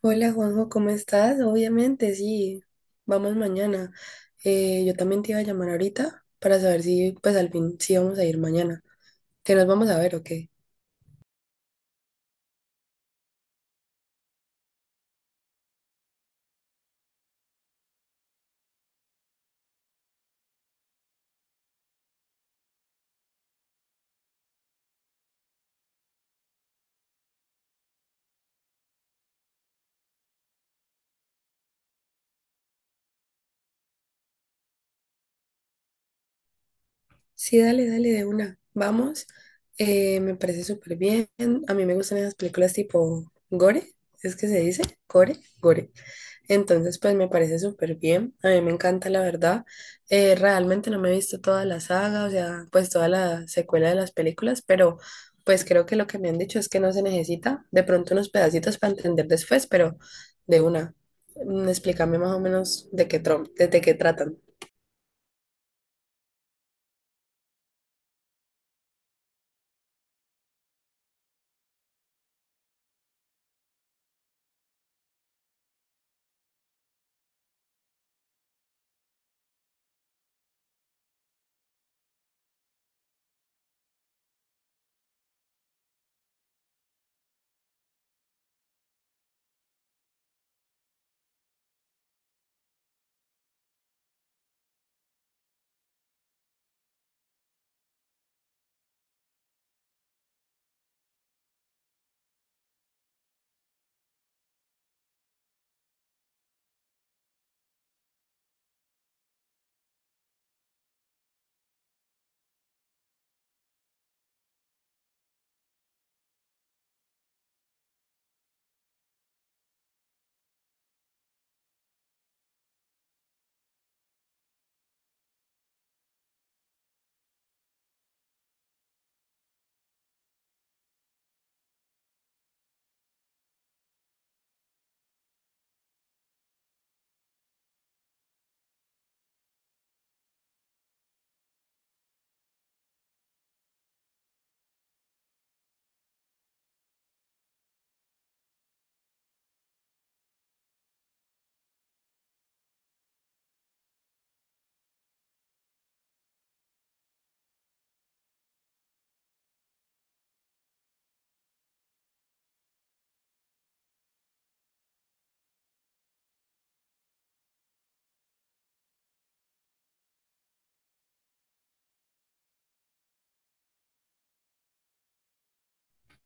Hola Juanjo, ¿cómo estás? Obviamente, sí, vamos mañana. Yo también te iba a llamar ahorita para saber si, pues al fin, sí vamos a ir mañana. ¿Que nos vamos a ver o qué? Sí, dale, dale, de una. Vamos. Me parece súper bien. A mí me gustan esas películas tipo gore, ¿es que se dice? Gore, gore. Entonces, pues me parece súper bien. A mí me encanta, la verdad. Realmente no me he visto toda la saga, o sea, pues toda la secuela de las películas, pero pues creo que lo que me han dicho es que no se necesita de pronto unos pedacitos para entender después, pero de una. Explícame más o menos de qué, de qué tratan.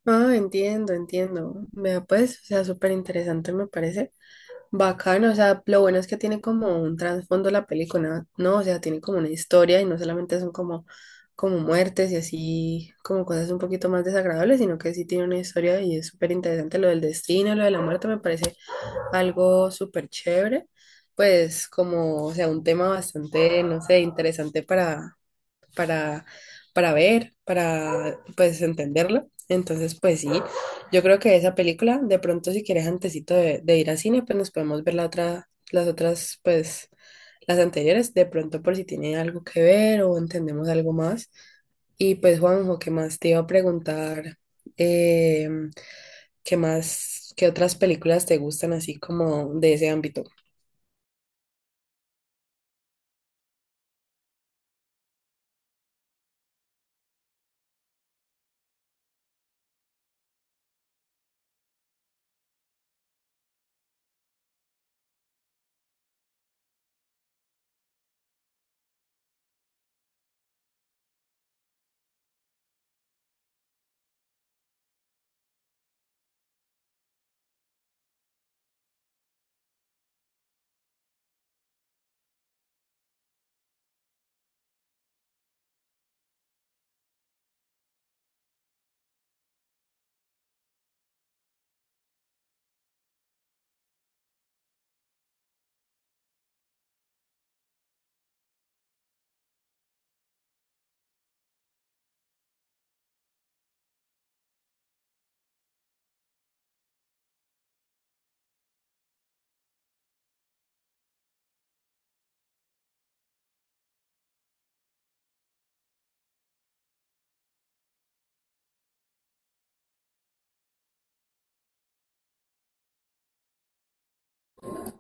Ah, entiendo, entiendo. Vea, pues, o sea, súper interesante me parece. Bacano, o sea, lo bueno es que tiene como un trasfondo la película, ¿no? O sea, tiene como una historia y no solamente son como, como muertes y así, como cosas un poquito más desagradables, sino que sí tiene una historia y es súper interesante. Lo del destino, lo de la muerte me parece algo súper chévere, pues como, o sea, un tema bastante, no sé, interesante para, para ver, para pues entenderlo. Entonces, pues sí, yo creo que esa película, de pronto si quieres antesito de ir al cine, pues nos podemos ver la otra, las otras, pues las anteriores, de pronto por si tiene algo que ver o entendemos algo más. Y pues Juanjo, ¿qué más te iba a preguntar? Eh, ¿Qué más, qué otras películas te gustan así como de ese ámbito?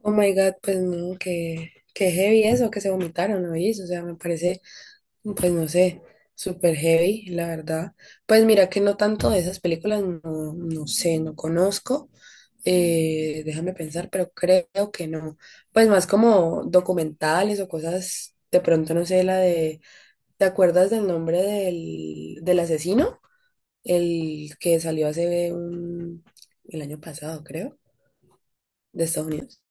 Oh my God, pues no, que heavy eso, que se vomitaron, ¿no? O sea, me parece. Pues no sé, super heavy, la verdad. Pues mira que no tanto de esas películas, no, no sé, no conozco. Déjame pensar, pero creo que no. Pues más como documentales o cosas, de pronto no sé, la de, ¿te acuerdas del nombre del asesino? El que salió hace un, el año pasado, creo, de Estados Unidos.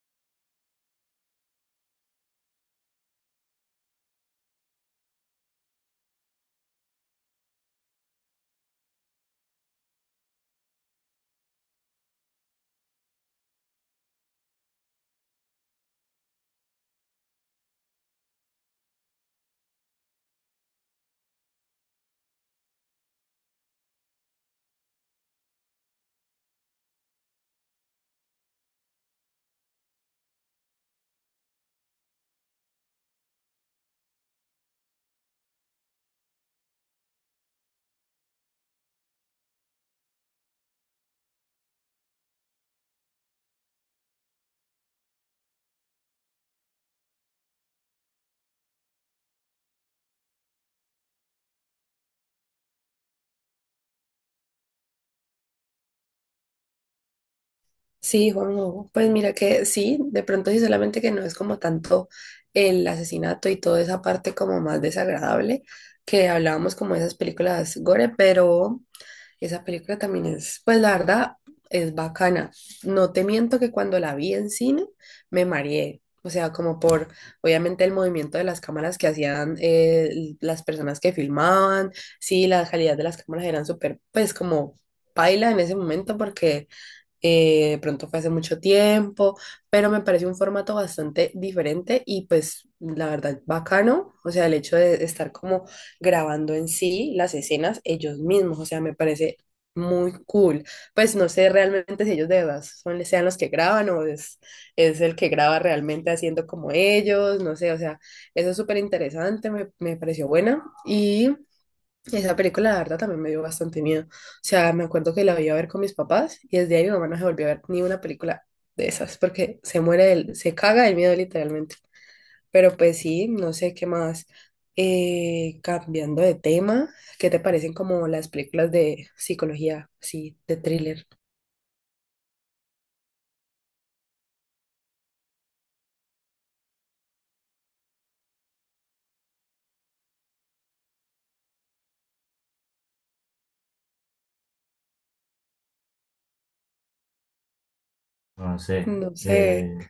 Sí, Juanjo, pues mira que sí, de pronto sí, solamente que no es como tanto el asesinato y toda esa parte como más desagradable que hablábamos como de esas películas gore, pero esa película también es, pues la verdad, es bacana. No te miento que cuando la vi en cine me mareé, o sea, como por, obviamente, el movimiento de las cámaras que hacían las personas que filmaban, sí, la calidad de las cámaras eran súper, pues como paila en ese momento porque de pronto fue hace mucho tiempo, pero me parece un formato bastante diferente y pues la verdad bacano, o sea, el hecho de estar como grabando en sí las escenas ellos mismos, o sea, me parece muy cool. Pues no sé realmente si ellos de verdad son, sean los que graban o es el que graba realmente haciendo como ellos, no sé, o sea, eso es súper interesante, me pareció buena y esa película, la verdad, también me dio bastante miedo. O sea, me acuerdo que la iba a ver con mis papás y desde ahí mi mamá no se volvió a ver ni una película de esas porque se muere del, se caga del miedo literalmente. Pero pues sí, no sé qué más. Cambiando de tema, ¿qué te parecen como las películas de psicología, sí, de thriller? No sé. No sé.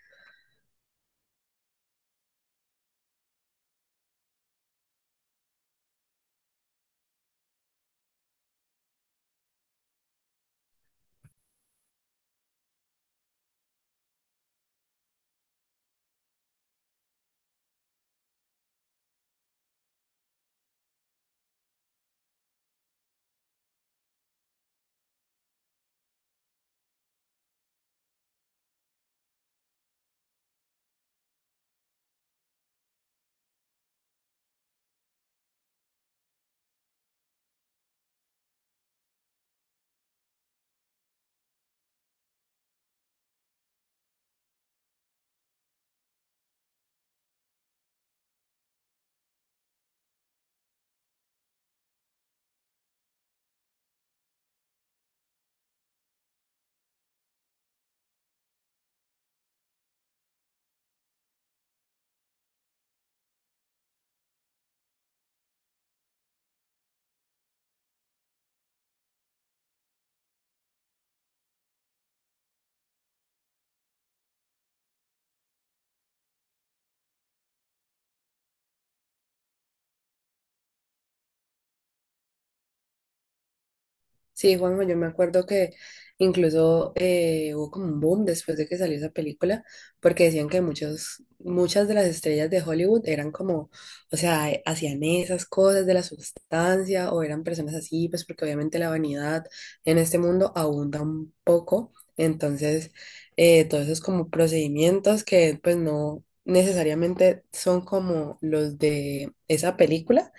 Sí, Juanjo, yo me acuerdo que incluso hubo como un boom después de que salió esa película, porque decían que muchos, muchas de las estrellas de Hollywood eran como, o sea, hacían esas cosas de la sustancia o eran personas así, pues porque obviamente la vanidad en este mundo abunda un poco, entonces todos esos como procedimientos que pues no necesariamente son como los de esa película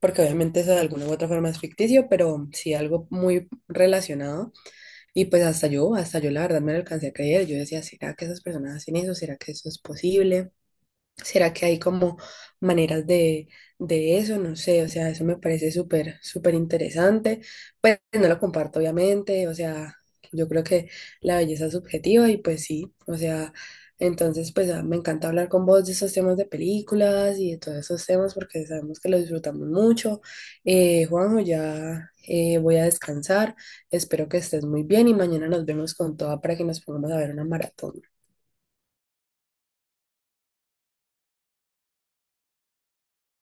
porque obviamente eso de alguna u otra forma es ficticio, pero sí algo muy relacionado. Y pues hasta yo la verdad me lo alcancé a creer. Yo decía, ¿será que esas personas hacen eso? ¿Será que eso es posible? ¿Será que hay como maneras de eso? No sé, o sea, eso me parece súper, súper interesante. Pues no lo comparto, obviamente, o sea, yo creo que la belleza es subjetiva y pues sí, o sea, entonces pues ah, me encanta hablar con vos de esos temas de películas y de todos esos temas porque sabemos que lo disfrutamos mucho. Juanjo, ya voy a descansar, espero que estés muy bien y mañana nos vemos con toda para que nos pongamos a ver una maratón.